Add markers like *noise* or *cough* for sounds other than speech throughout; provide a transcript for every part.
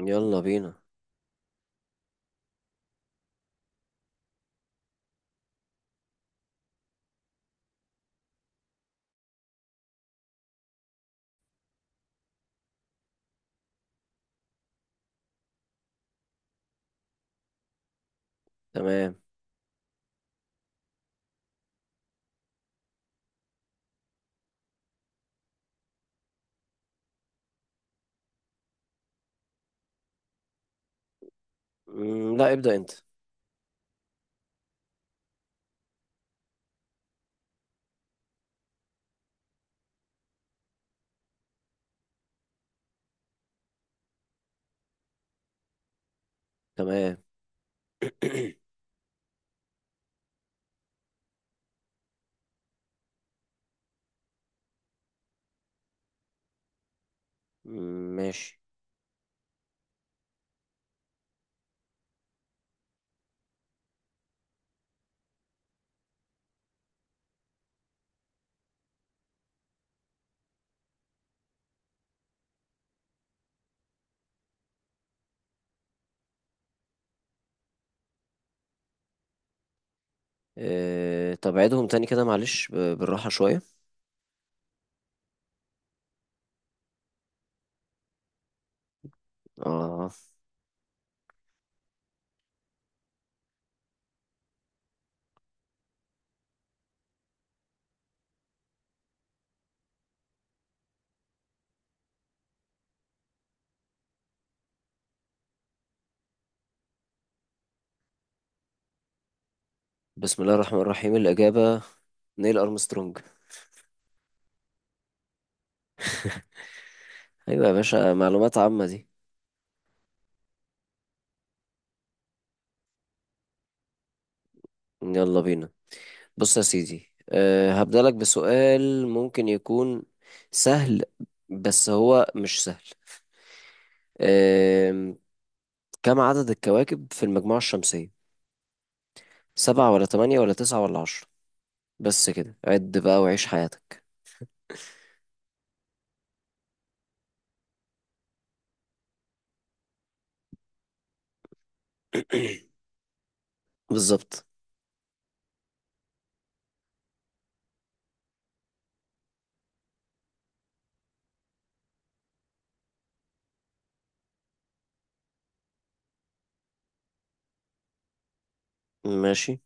يلا بينا. تمام. مم، لا ابدأ انت. تمام. *clears throat* مم، ماشي. اه طب عيدهم تاني كده، معلش بالراحة شوية. اه بسم الله الرحمن الرحيم الإجابة نيل أرمسترونج. أيوة يا باشا، معلومات عامة دي. يلا بينا. بص يا سيدي، هبدأ لك بسؤال ممكن يكون سهل، بس هو مش سهل. أه كم عدد الكواكب في المجموعة الشمسية؟ سبعة ولا تمانية ولا تسعة ولا عشرة؟ بس كده عد بقى وعيش حياتك. *coughs* *clears throat* بالظبط. ماشي.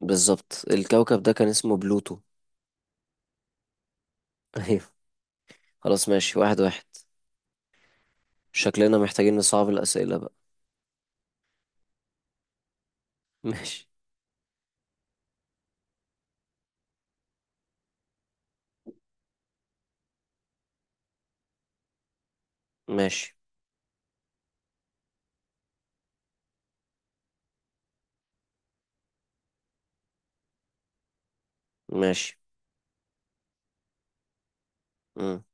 بالظبط الكوكب ده كان اسمه بلوتو. *laughs* ايوه. خلاص ماشي واحد واحد. شكلنا محتاجين نصعب الأسئلة بقى. *laughs* ماشي. ماشي. ماشي. امم.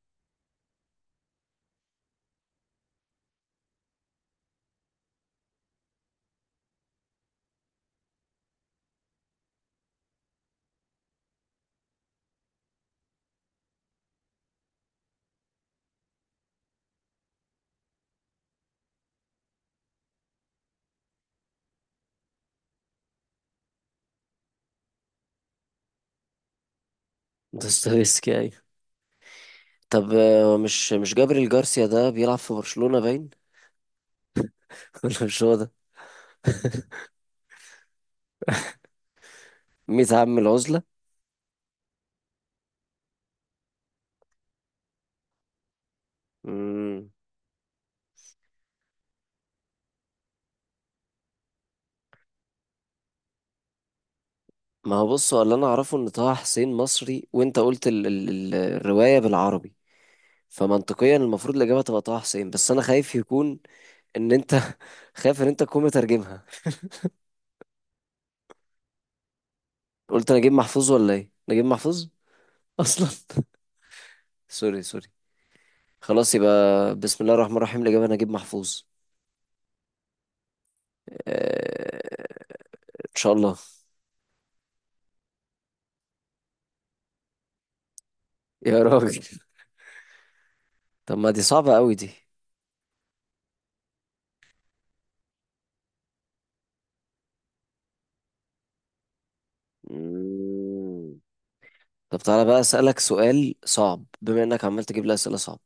دوستويفسكي ايوه. طب مش جابريل جارسيا ده بيلعب في برشلونة باين؟ *laughs* ولا مش هو ده؟ 100 عام العزلة. امم، ما هو بص هو اللي انا اعرفه ان طه حسين مصري وانت قلت الرواية بالعربي، فمنطقيا المفروض الاجابه تبقى طه حسين، بس انا خايف يكون ان انت، *laughs* خايف ان انت تكون مترجمها. قلت نجيب محفوظ ولا ايه؟ نجيب محفوظ اصلا. *laughs* سوري سوري. خلاص يبقى بسم الله الرحمن الرحيم الاجابه نجيب محفوظ. آه، ان شاء الله. *laughs* يا راجل، طب ما دي صعبه قوي دي. مم. طب تعالى بقى اسالك سؤال صعب بما انك عمال تجيب لي اسئله صعبه.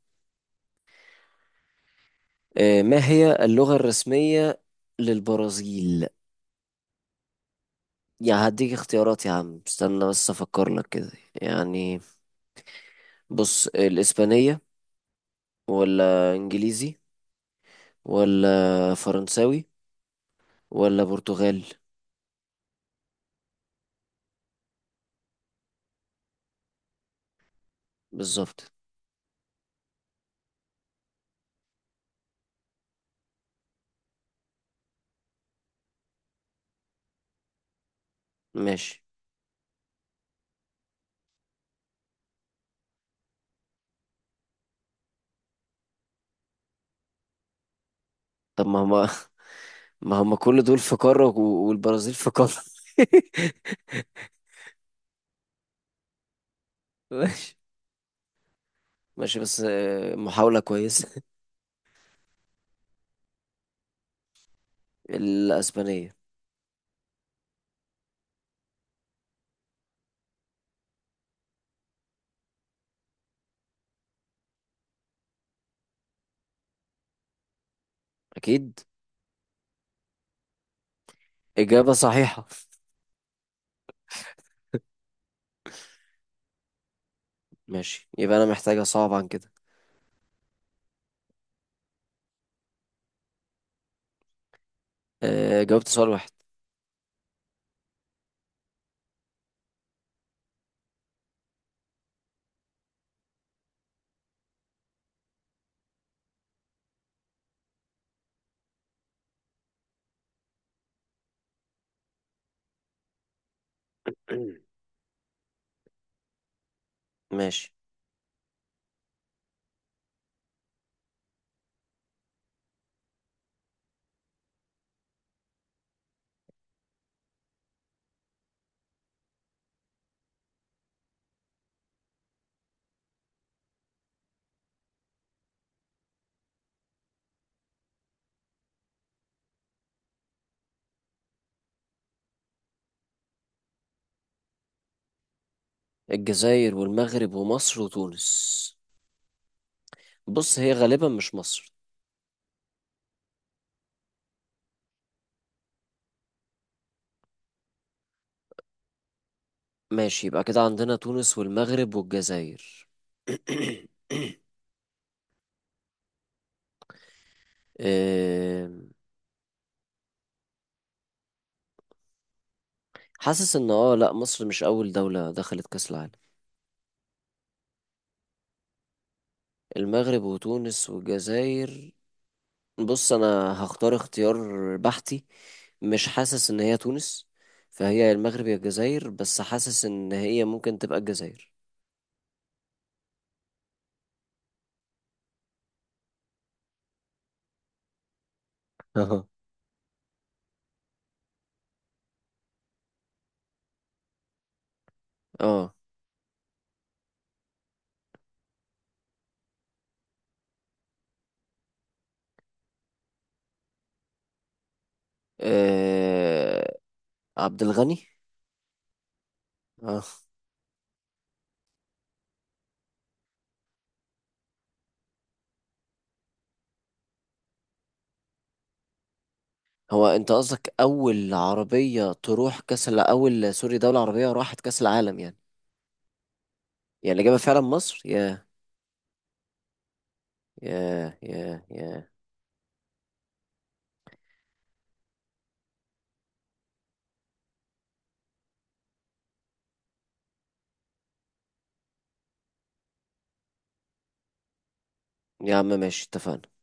ما هي اللغه الرسميه للبرازيل؟ يا هديك اختيارات يا عم، استنى بس افكر لك كده يعني. بص الاسبانية ولا انجليزي ولا فرنساوي ولا برتغالي؟ بالظبط. ماشي طب ما هما، *laughs* ما هما كل دول في قارة والبرازيل في قارة. *laughs* ماشي. ماشي بس محاولة كويسة. الاسبانية. اكيد اجابة صحيحة. ماشي يبقى انا محتاجة صعب عن كده. جاوبت سؤال واحد. *clears throat* ماشي. الجزائر والمغرب ومصر وتونس. بص هي غالبا مش مصر. ماشي يبقى كده عندنا تونس والمغرب والجزائر. *clears throat* *coughs* آم، حاسس ان لا، مصر مش اول دولة دخلت كأس العالم. المغرب وتونس والجزائر. بص انا هختار اختيار بحتي. مش حاسس ان هي تونس، فهي يا المغرب يا الجزائر، بس حاسس ان هي ممكن تبقى الجزائر. اها. اه. آه، عبد الغني. اه. هو انت قصدك اول عربية تروح اول سوري دولة عربية راحت كاس العالم يعني؟ يعني اللي جابها فعلا مصر. يا يا يا يا عم ماشي اتفقنا.